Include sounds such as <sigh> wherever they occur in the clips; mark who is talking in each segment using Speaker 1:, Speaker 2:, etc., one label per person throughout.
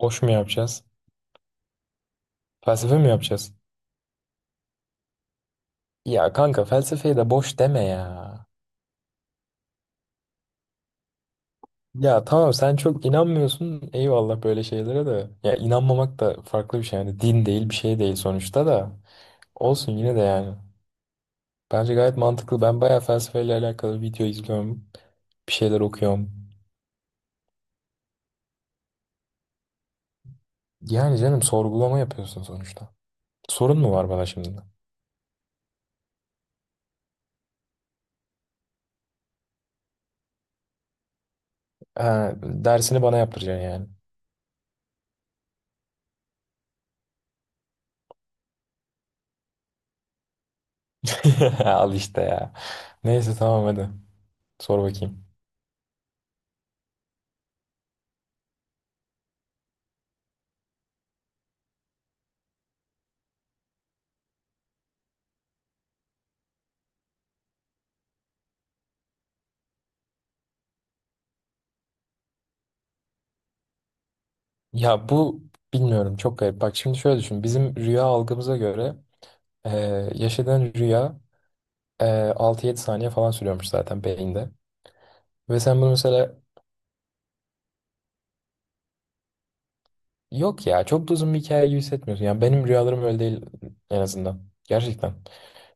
Speaker 1: Boş mu yapacağız? Felsefe mi yapacağız? Ya kanka felsefeye de boş deme ya. Ya tamam sen çok inanmıyorsun eyvallah böyle şeylere de. Ya inanmamak da farklı bir şey yani din değil bir şey değil sonuçta da. Olsun yine de yani. Bence gayet mantıklı. Ben bayağı felsefeyle alakalı video izliyorum. Bir şeyler okuyorum. Yani canım sorgulama yapıyorsun sonuçta. Sorun mu var bana şimdi? Ha, dersini bana yaptıracaksın yani. <laughs> Al işte ya. Neyse tamam hadi. Sor bakayım. Ya bu bilmiyorum çok garip. Bak şimdi şöyle düşün. Bizim rüya algımıza göre e, yaşadığın rüya e, 6-7 saniye falan sürüyormuş zaten beyinde. Ve sen bunu mesela yok ya çok da uzun bir hikaye gibi hissetmiyorsun. Yani benim rüyalarım öyle değil en azından. Gerçekten.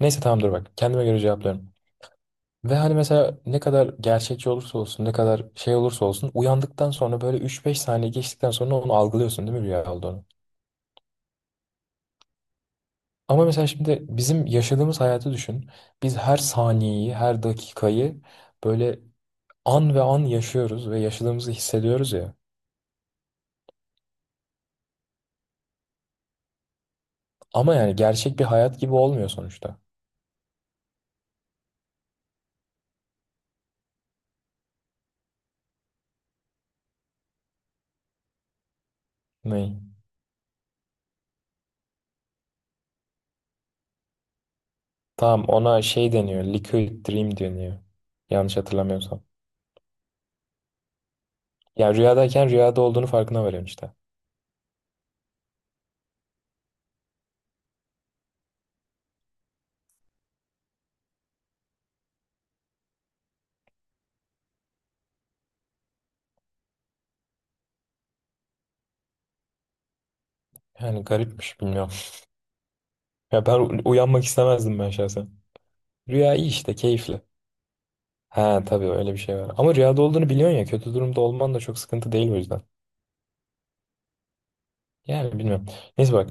Speaker 1: Neyse tamam dur bak. Kendime göre cevaplıyorum. Ve hani mesela ne kadar gerçekçi olursa olsun, ne kadar şey olursa olsun uyandıktan sonra böyle üç beş saniye geçtikten sonra onu algılıyorsun değil mi rüya olduğunu? Ama mesela şimdi bizim yaşadığımız hayatı düşün. Biz her saniyeyi, her dakikayı böyle an ve an yaşıyoruz ve yaşadığımızı hissediyoruz ya. Ama yani gerçek bir hayat gibi olmuyor sonuçta. Ne? Tamam ona şey deniyor. Liquid dream deniyor. Yanlış hatırlamıyorsam. Yani rüyadayken rüyada olduğunu farkına varıyorsun işte. Yani garipmiş bilmiyorum. Ya ben uyanmak istemezdim ben şahsen. Rüya iyi işte keyifli. Ha tabii öyle bir şey var. Ama rüyada olduğunu biliyorsun ya kötü durumda olman da çok sıkıntı değil o yüzden. Yani bilmiyorum. Neyse bak.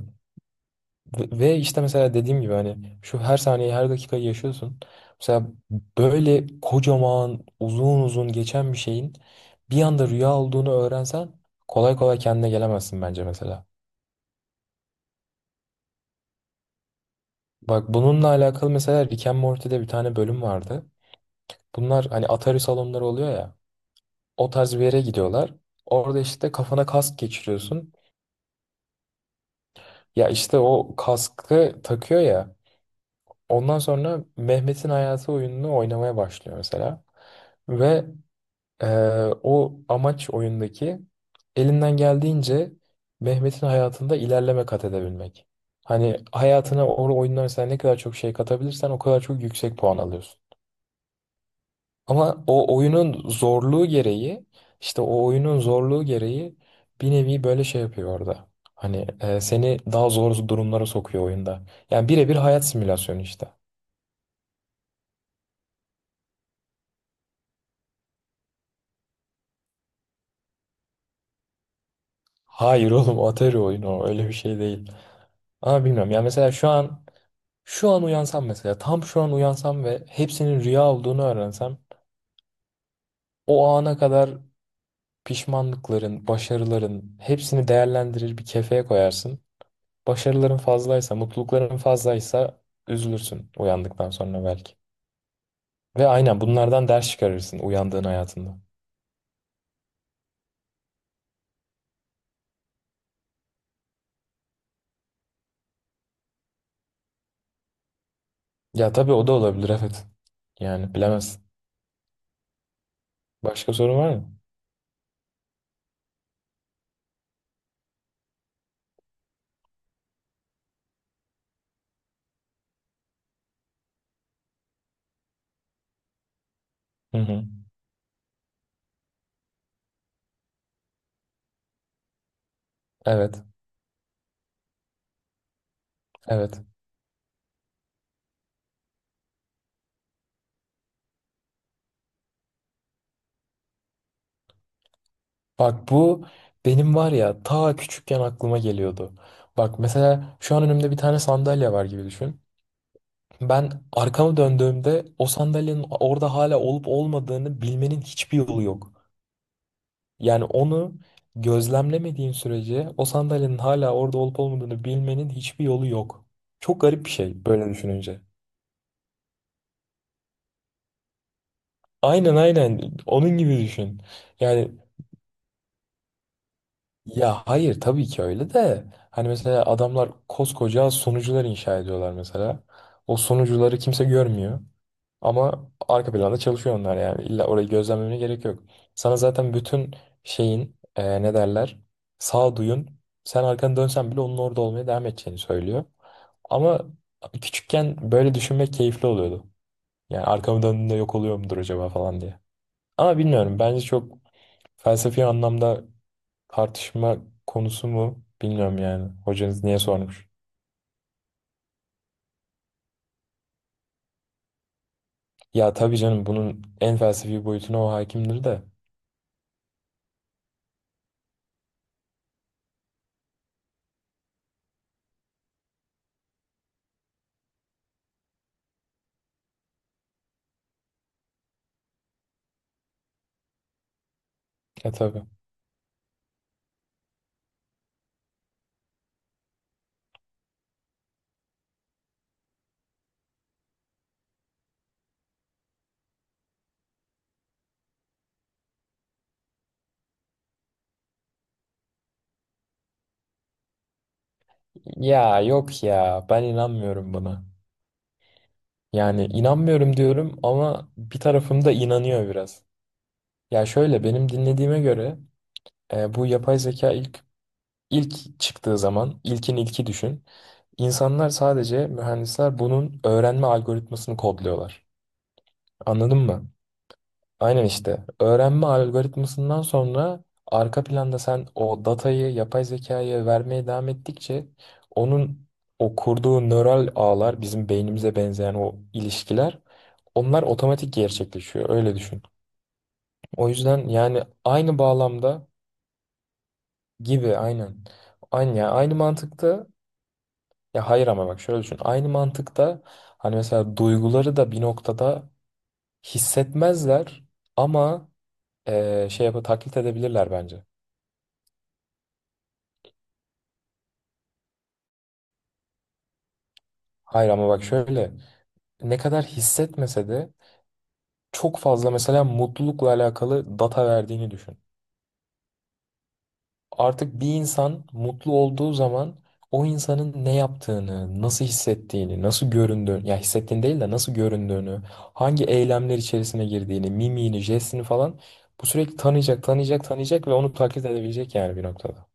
Speaker 1: Ve işte mesela dediğim gibi hani şu her saniyeyi her dakikayı yaşıyorsun. Mesela böyle kocaman uzun uzun geçen bir şeyin bir anda rüya olduğunu öğrensen kolay kolay kendine gelemezsin bence mesela. Bak bununla alakalı mesela Rick and Morty'de bir tane bölüm vardı. Bunlar hani Atari salonları oluyor ya. O tarz bir yere gidiyorlar. Orada işte kafana kask geçiriyorsun. Ya işte o kaskı takıyor ya. Ondan sonra Mehmet'in hayatı oyununu oynamaya başlıyor mesela. Ve o amaç oyundaki elinden geldiğince Mehmet'in hayatında ilerleme kat edebilmek. Hani hayatına o oyundan mesela ne kadar çok şey katabilirsen o kadar çok yüksek puan alıyorsun. Ama o oyunun zorluğu gereği işte o oyunun zorluğu gereği bir nevi böyle şey yapıyor orada. Hani seni daha zor durumlara sokuyor oyunda. Yani birebir hayat simülasyonu işte. Hayır oğlum Atari oyunu o. Öyle bir şey değil. Ama bilmiyorum. Ya mesela şu an uyansam mesela tam şu an uyansam ve hepsinin rüya olduğunu öğrensem o ana kadar pişmanlıkların, başarıların hepsini değerlendirir bir kefeye koyarsın. Başarıların fazlaysa, mutlulukların fazlaysa üzülürsün uyandıktan sonra belki. Ve aynen bunlardan ders çıkarırsın uyandığın hayatında. Ya tabii o da olabilir evet. Yani bilemezsin. Başka sorun var mı? Hı hı. Evet. Evet. Bak bu benim var ya ta küçükken aklıma geliyordu. Bak mesela şu an önümde bir tane sandalye var gibi düşün. Ben arkamı döndüğümde o sandalyenin orada hala olup olmadığını bilmenin hiçbir yolu yok. Yani onu gözlemlemediğin sürece o sandalyenin hala orada olup olmadığını bilmenin hiçbir yolu yok. Çok garip bir şey böyle düşününce. Aynen onun gibi düşün. Yani ya hayır tabii ki öyle de hani mesela adamlar koskoca sunucular inşa ediyorlar mesela. O sunucuları kimse görmüyor ama arka planda çalışıyor onlar yani illa orayı gözlemlemene gerek yok. Sana zaten bütün şeyin ne derler sağduyun sen arkanı dönsen bile onun orada olmaya devam edeceğini söylüyor. Ama küçükken böyle düşünmek keyifli oluyordu. Yani arkamı döndüğümde yok oluyor mudur acaba falan diye. Ama bilmiyorum bence çok felsefi anlamda tartışma konusu mu? Bilmiyorum yani. Hocanız niye sormuş? Ya tabii canım bunun en felsefi boyutuna o hakimdir de. E tabii. Ya yok ya ben inanmıyorum buna. Yani inanmıyorum diyorum ama bir tarafım da inanıyor biraz. Ya şöyle benim dinlediğime göre bu yapay zeka ilk çıktığı zaman ilkin ilki düşün. İnsanlar sadece mühendisler bunun öğrenme algoritmasını kodluyorlar. Anladın mı? Aynen işte. Öğrenme algoritmasından sonra arka planda sen o datayı yapay zekaya vermeye devam ettikçe onun o kurduğu nöral ağlar bizim beynimize benzeyen o ilişkiler onlar otomatik gerçekleşiyor. Öyle düşün. O yüzden yani aynı bağlamda gibi aynen. Aynı, yani aynı mantıkta ya hayır ama bak şöyle düşün. Aynı mantıkta hani mesela duyguları da bir noktada hissetmezler ama şey yapıp taklit edebilirler bence. Hayır ama bak şöyle ne kadar hissetmese de çok fazla mesela mutlulukla alakalı data verdiğini düşün. Artık bir insan mutlu olduğu zaman o insanın ne yaptığını, nasıl hissettiğini, nasıl göründüğünü, ya hissettiğini değil de nasıl göründüğünü, hangi eylemler içerisine girdiğini, mimiğini, jestini falan bu sürekli tanıyacak, tanıyacak, tanıyacak ve onu taklit edebilecek yani bir noktada.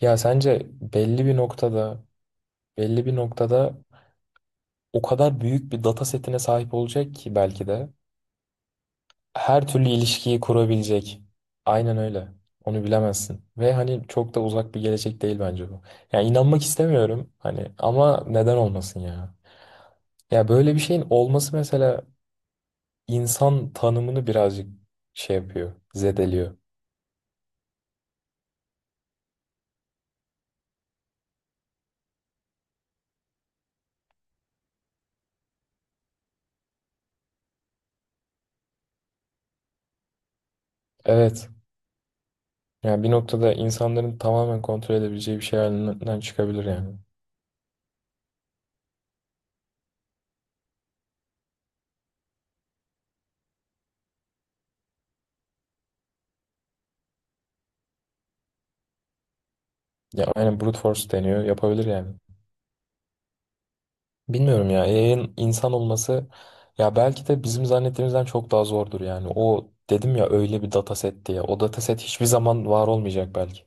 Speaker 1: Ya sence belli bir noktada, belli bir noktada o kadar büyük bir data setine sahip olacak ki belki de her türlü ilişkiyi kurabilecek. Aynen öyle. Onu bilemezsin. Ve hani çok da uzak bir gelecek değil bence bu. Yani inanmak istemiyorum hani ama neden olmasın ya? Ya böyle bir şeyin olması mesela insan tanımını birazcık şey yapıyor, zedeliyor. Evet. Yani bir noktada insanların tamamen kontrol edebileceği bir şey halinden çıkabilir yani. Ya aynen brute force deniyor, yapabilir yani. Bilmiyorum ya yayın insan olması ya belki de bizim zannettiğimizden çok daha zordur yani. O dedim ya öyle bir dataset diye. O dataset hiçbir zaman var olmayacak belki.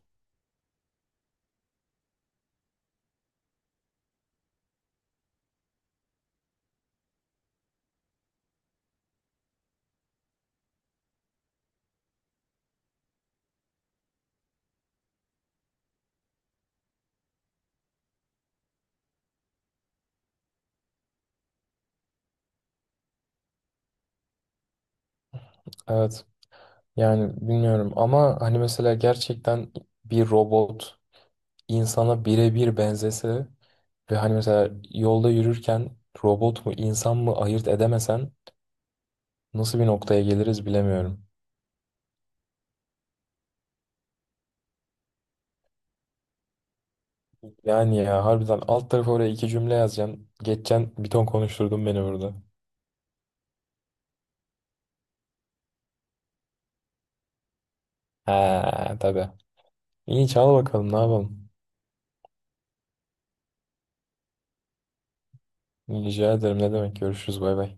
Speaker 1: Evet yani bilmiyorum ama hani mesela gerçekten bir robot insana birebir benzese ve hani mesela yolda yürürken robot mu insan mı ayırt edemesen nasıl bir noktaya geliriz bilemiyorum. Yani ya harbiden alt tarafa oraya iki cümle yazacaksın. Geçeceksin bir ton konuşturdun beni burada. Ha tabii. İyi çal bakalım ne yapalım. Rica ederim ne demek görüşürüz bay bay.